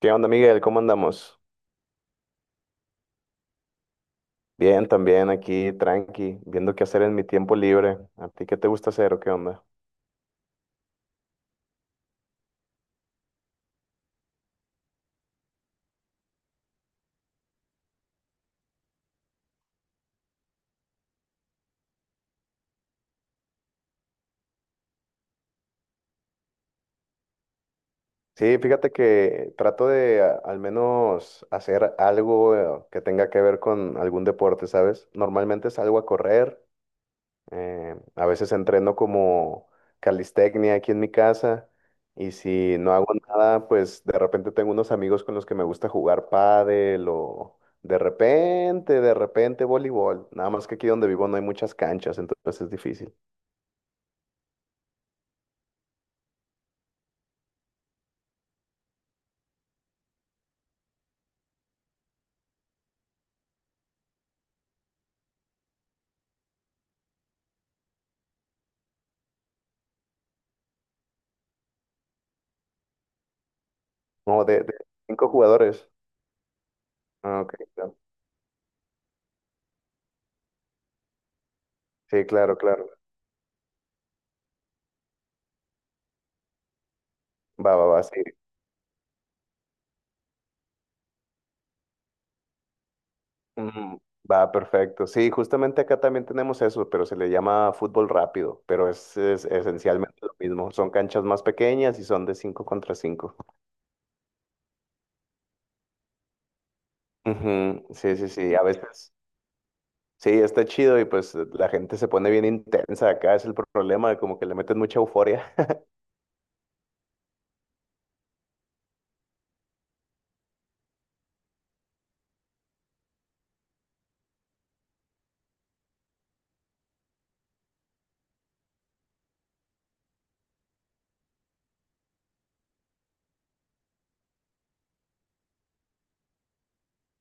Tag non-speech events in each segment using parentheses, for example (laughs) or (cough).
¿Qué onda, Miguel? ¿Cómo andamos? Bien, también aquí, tranqui, viendo qué hacer en mi tiempo libre. ¿A ti qué te gusta hacer o qué onda? Sí, fíjate que trato de al menos hacer algo que tenga que ver con algún deporte, ¿sabes? Normalmente salgo a correr. A veces entreno como calistecnia aquí en mi casa y si no hago nada, pues de repente tengo unos amigos con los que me gusta jugar pádel o de repente voleibol. Nada más que aquí donde vivo no hay muchas canchas, entonces es difícil. No, de cinco jugadores. Ah, ok, claro. Sí, claro, claro. Va, va, va, sí. Mm. Va, perfecto. Sí, justamente acá también tenemos eso, pero se le llama fútbol rápido, pero es esencialmente lo mismo. Son canchas más pequeñas y son de 5 contra cinco. Ujú, sí, sí, sí, a veces. Sí, está chido y pues la gente se pone bien intensa acá, es el problema, como que le meten mucha euforia. (laughs)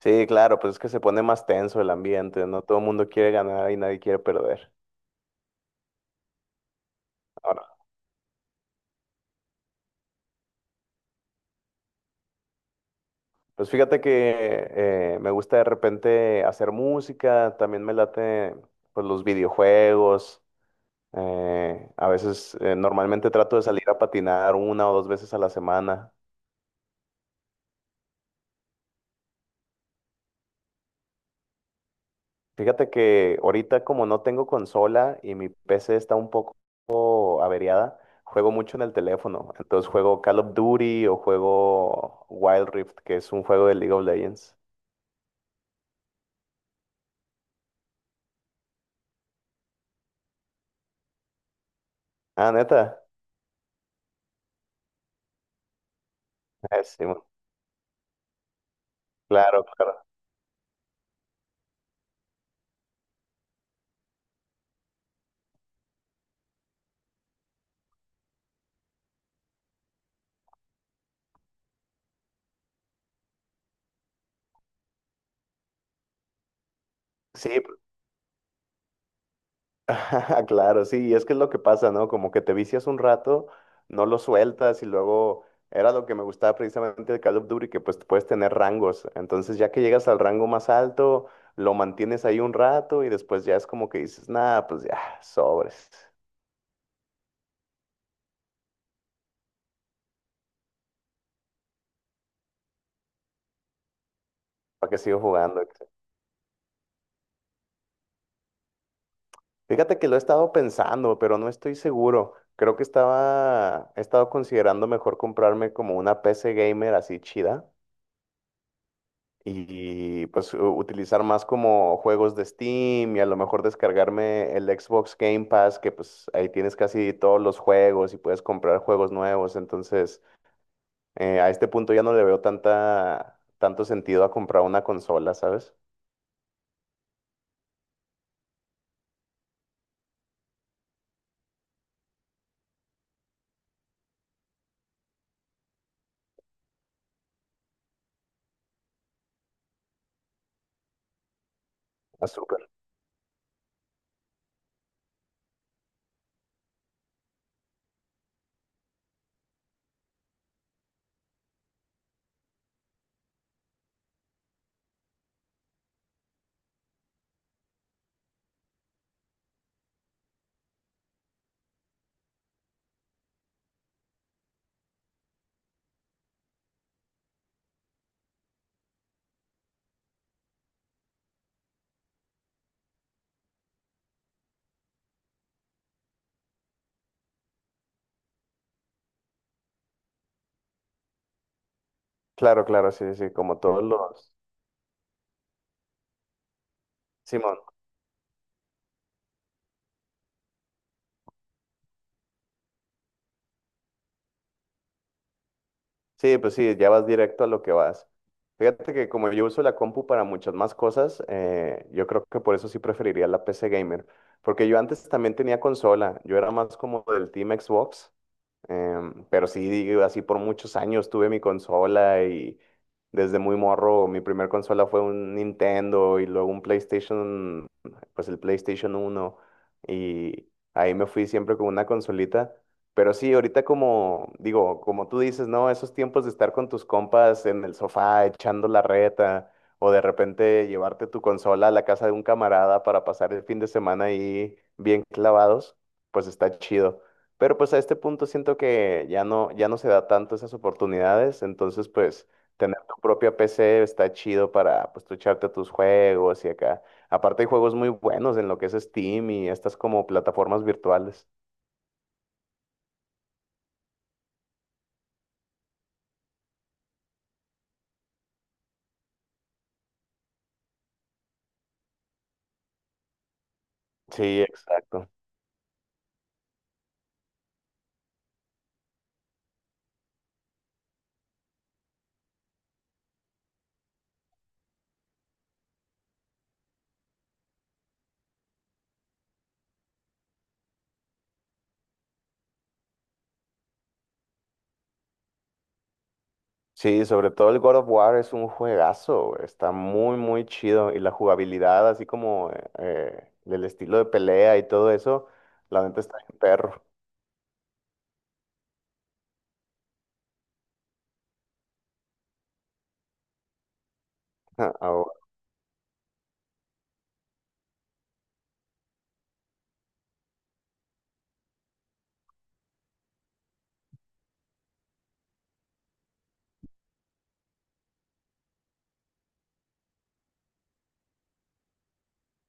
Sí, claro, pues es que se pone más tenso el ambiente, no todo el mundo quiere ganar y nadie quiere perder. Ahora, pues fíjate que me gusta de repente hacer música, también me late pues los videojuegos. Normalmente trato de salir a patinar una o dos veces a la semana. Fíjate que ahorita como no tengo consola y mi PC está un poco averiada, juego mucho en el teléfono. Entonces juego Call of Duty o juego Wild Rift, que es un juego de League of Legends. Ah, neta. Sí, bueno, claro, claro. Sí. (laughs) Claro, sí, y es que es lo que pasa, ¿no? Como que te vicias un rato, no lo sueltas y luego era lo que me gustaba precisamente de Call of Duty, que pues puedes tener rangos. Entonces ya que llegas al rango más alto, lo mantienes ahí un rato y después ya es como que dices, nada, pues ya, sobres, ¿para qué sigo jugando? Fíjate que lo he estado pensando, pero no estoy seguro. He estado considerando mejor comprarme como una PC gamer así chida y pues utilizar más como juegos de Steam y a lo mejor descargarme el Xbox Game Pass, que pues ahí tienes casi todos los juegos y puedes comprar juegos nuevos. Entonces, a este punto ya no le veo tanta, tanto sentido a comprar una consola, ¿sabes? Azúcar. Claro, claro, sí, sí, sí, como todos los... Simón. Sí, pues sí, ya vas directo a lo que vas. Fíjate que como yo uso la compu para muchas más cosas, yo creo que por eso sí preferiría la PC gamer. Porque yo antes también tenía consola, yo era más como del Team Xbox. Pero sí, digo, así por muchos años tuve mi consola y desde muy morro mi primer consola fue un Nintendo y luego un PlayStation, pues el PlayStation 1 y ahí me fui siempre con una consolita. Pero sí, ahorita como digo, como tú dices, ¿no? Esos tiempos de estar con tus compas en el sofá echando la reta o de repente llevarte tu consola a la casa de un camarada para pasar el fin de semana ahí bien clavados, pues está chido. Pero pues a este punto siento que ya no se da tanto esas oportunidades, entonces pues tener tu propia PC está chido para pues tú echarte tus juegos y acá. Aparte hay juegos muy buenos en lo que es Steam y estas como plataformas virtuales. Sí, exacto. Sí, sobre todo el God of War es un juegazo, güey, está muy, muy chido y la jugabilidad, así como del estilo de pelea y todo eso, la neta está en perro. (laughs) Ah,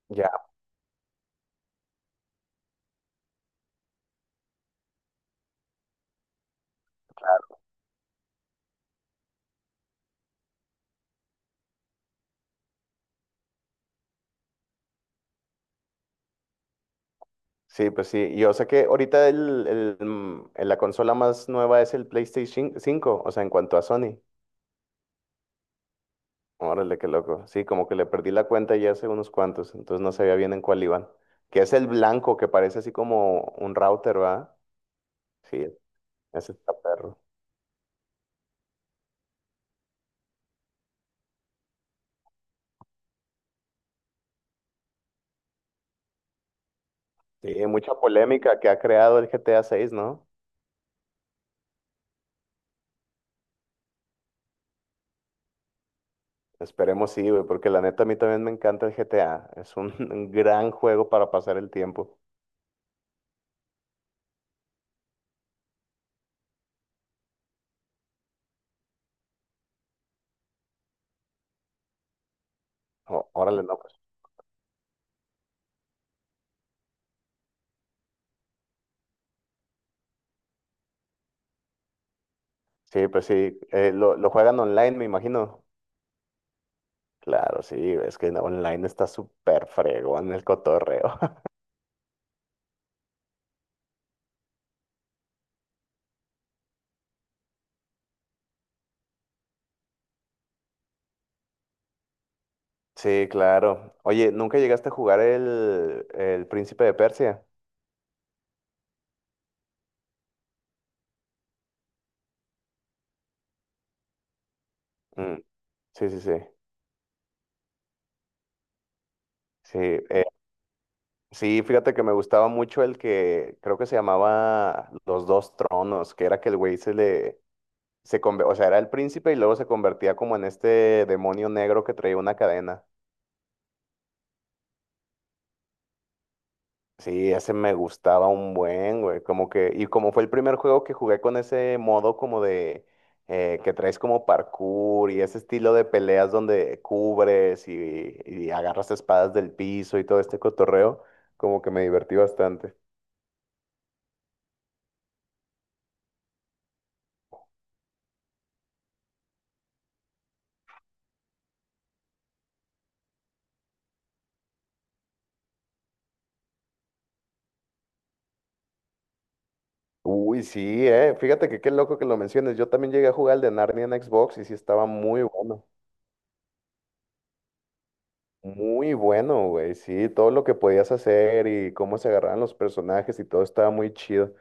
ya. Sí, pues sí. Yo sé que ahorita la consola más nueva es el PlayStation 5, o sea, en cuanto a Sony. Órale, qué loco. Sí, como que le perdí la cuenta ya hace unos cuantos, entonces no sabía bien en cuál iban. Que es el blanco, que parece así como un router, ¿va? Sí, ese está perro. Sí. Sí, mucha polémica que ha creado el GTA 6, ¿no? Esperemos sí, güey, porque la neta a mí también me encanta el GTA. Es un, (laughs) un gran juego para pasar el tiempo. Ó- Órale, no, pues. Sí, pues sí. Lo juegan online, me imagino. Claro, sí, es que online está súper fregón el cotorreo. (laughs) Sí, claro. Oye, ¿nunca llegaste a jugar el Príncipe de Persia? Mm, sí, sí, sí. Sí, sí, fíjate que me gustaba mucho el que creo que se llamaba Los Dos Tronos, que era que el güey se le, se conve- o sea, era el príncipe y luego se convertía como en este demonio negro que traía una cadena. Sí, ese me gustaba un buen, güey. Como que, y como fue el primer juego que jugué con ese modo como de que traes como parkour y ese estilo de peleas donde cubres y agarras espadas del piso y todo este cotorreo, como que me divertí bastante. Uy, sí. Fíjate que qué loco que lo menciones. Yo también llegué a jugar el de Narnia en Xbox y sí estaba muy bueno. Muy bueno, güey. Sí, todo lo que podías hacer y cómo se agarraban los personajes y todo estaba muy chido.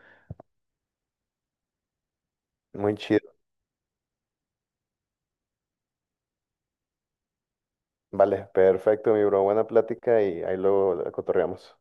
Muy chido. Vale, perfecto, mi bro. Buena plática y ahí luego la cotorreamos.